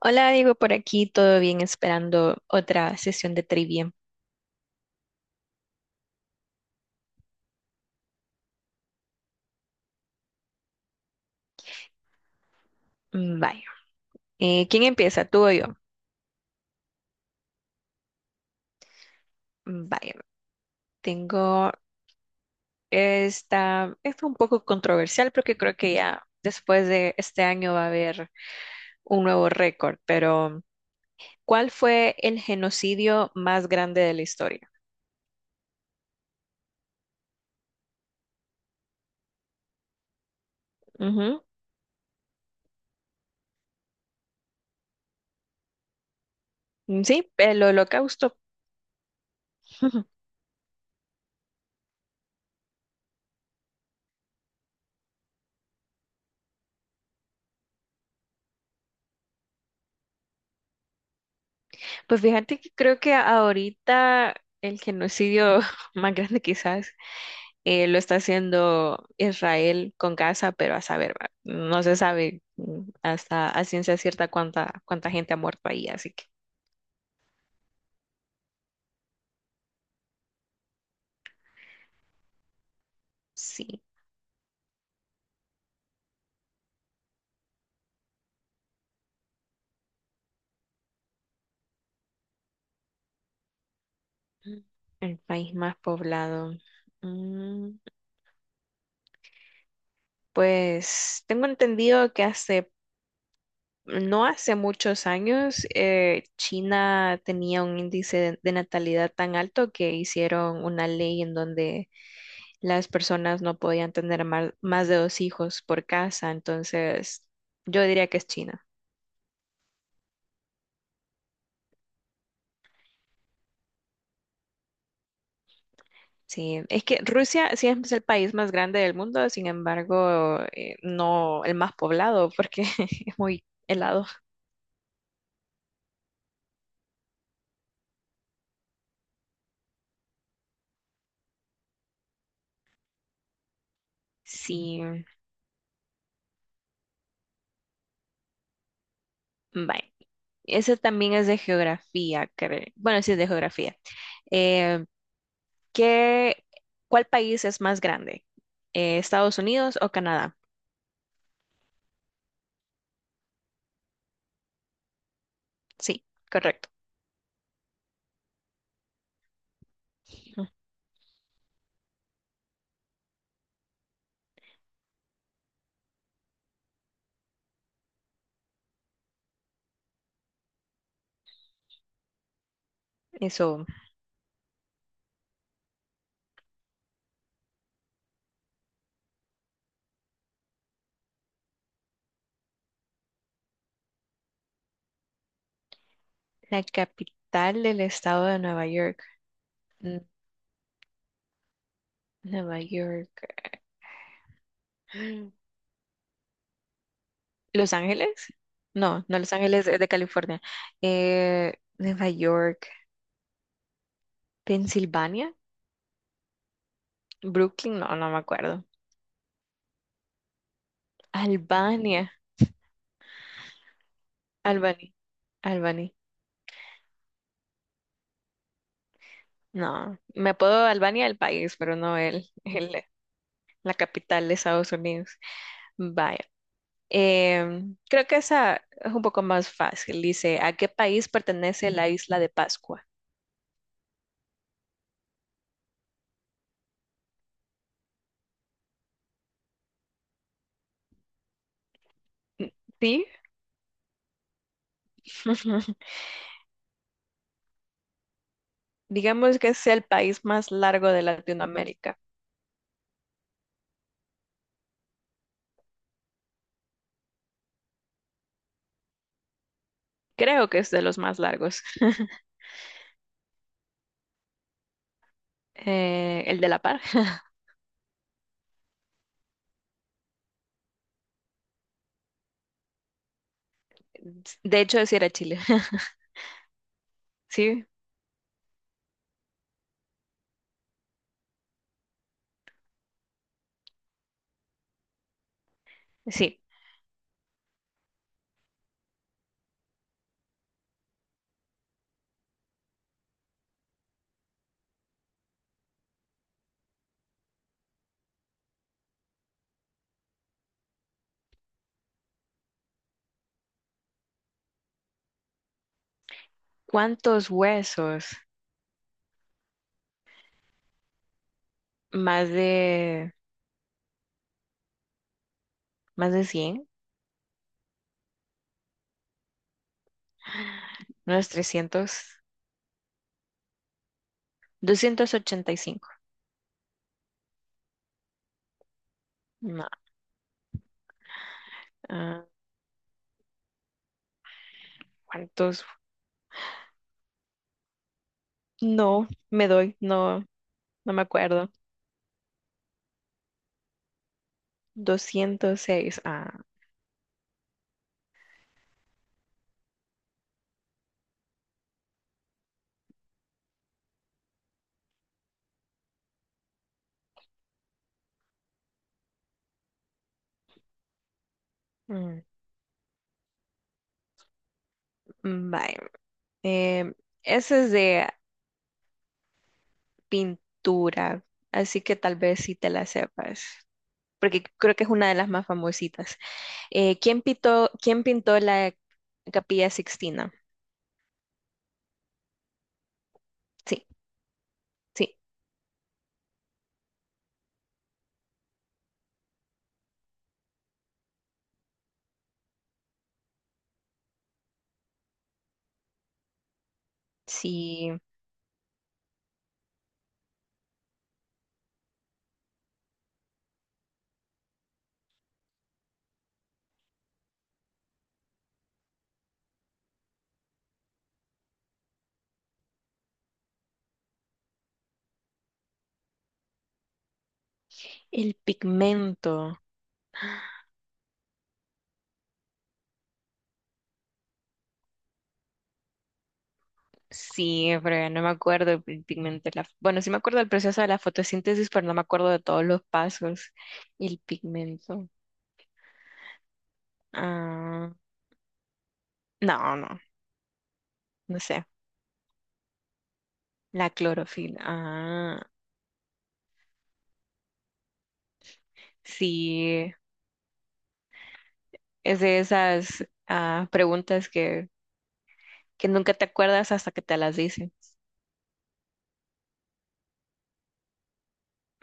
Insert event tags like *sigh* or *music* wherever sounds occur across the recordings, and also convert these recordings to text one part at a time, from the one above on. Hola, digo por aquí, todo bien, esperando otra sesión de trivia. Vaya. ¿Quién empieza? ¿Tú o yo? Vaya. Tengo esta un poco controversial porque creo que ya después de este año va a haber un nuevo récord, pero ¿cuál fue el genocidio más grande de la historia? Ujú. Mm, sí, el holocausto. *laughs* Pues fíjate que creo que ahorita el genocidio *laughs* más grande quizás lo está haciendo Israel con Gaza, pero a saber, va, no se sabe hasta a ciencia cierta cuánta gente ha muerto ahí, así que sí. El país más poblado. Mm, pues tengo entendido que no hace muchos años, China tenía un índice de natalidad tan alto que hicieron una ley en donde las personas no podían tener más, de dos hijos por casa, entonces yo diría que es China. Sí, es que Rusia sí es el país más grande del mundo, sin embargo, no el más poblado porque *laughs* es muy helado. Sí, bye. Ese también es de geografía, bueno, sí es de geografía. Eh, ¿qué, ¿Cuál país es más grande? ¿Estados Unidos o Canadá? Sí, correcto. Eso. La capital del estado de Nueva York. Mm, Nueva York. Mm. ¿Los Ángeles? No, no Los Ángeles es de California. Nueva York. ¿Pensilvania? ¿Brooklyn? No, no me acuerdo. Albania. Albany. Albany. No, me apodo Albania el país, pero no la capital de Estados Unidos. Vaya. Creo que esa es un poco más fácil. Dice, ¿a qué país pertenece la isla de Pascua? Mm, ¿sí? *laughs* Digamos que es el país más largo de Latinoamérica. Creo que es de los más largos. *laughs* El de La Par. *laughs* De hecho, sí era Chile. *laughs* Sí, sí. ¿Cuántos huesos? Más de, más de 100, unos 300, 285. No, ah, ¿cuántos? No, me doy, no, no me acuerdo. 206. Ah, mm, vaya. Eh, ese es de pintura, así que tal vez sí te la sepas, porque creo que es una de las más famositas. ¿Quién pintó la Capilla Sixtina? Sí, sí, sí. El pigmento. Sí, pero no me acuerdo el pigmento. Bueno, sí me acuerdo del proceso de la fotosíntesis, pero no me acuerdo de todos los pasos. El pigmento. Ah, no, no, no sé. La clorofila. Ah, sí. Es de esas preguntas que nunca te acuerdas hasta que te las dicen.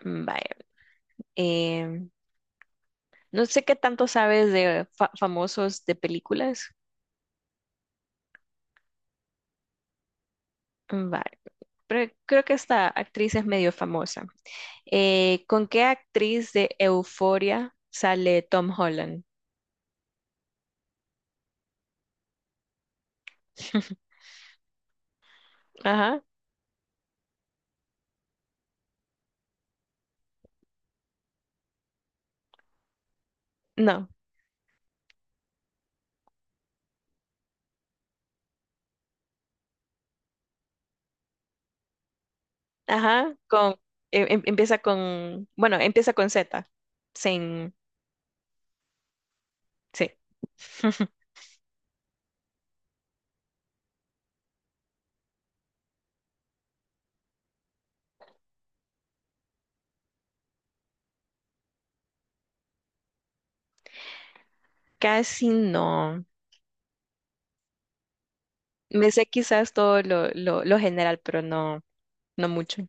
Vaya. Em, no sé qué tanto sabes de famosos de películas. Vaya. Pero creo que esta actriz es medio famosa. ¿Con qué actriz de Euforia sale Tom Holland? *laughs* Ajá. No. Ajá. Con, em- em- empieza con, bueno, empieza con Z. Sin, Sí. *laughs* Casi no. Me sé quizás todo lo general, pero no, no mucho.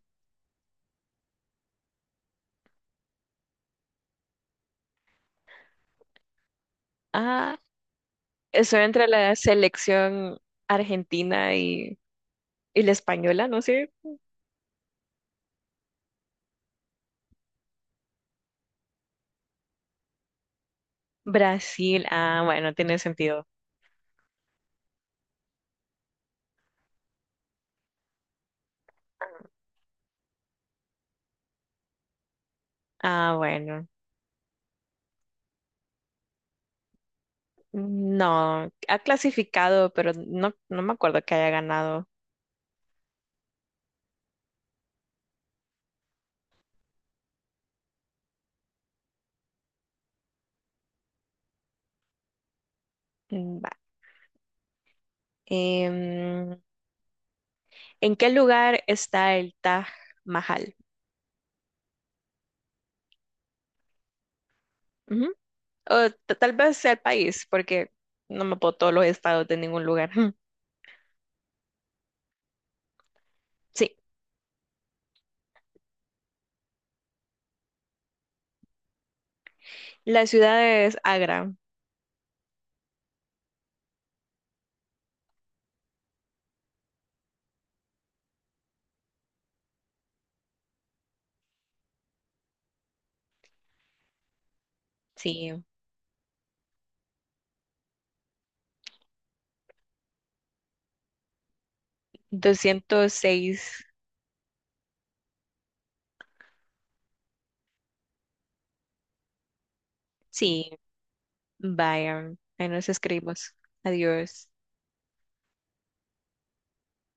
Ah, estoy entre la selección argentina y la española, no sé. Brasil, ah, bueno, tiene sentido. Ah, bueno. No, ha clasificado, pero no, no me acuerdo que haya ganado. Va. Em, ¿En qué lugar está el Taj Mahal? Ujú. O tal vez sea el país, porque no me puedo todos los estados de ningún lugar. *laughs* Sí. La ciudad es Agra, sí. 206, sí. Vaya, ahí nos escribimos. Adiós.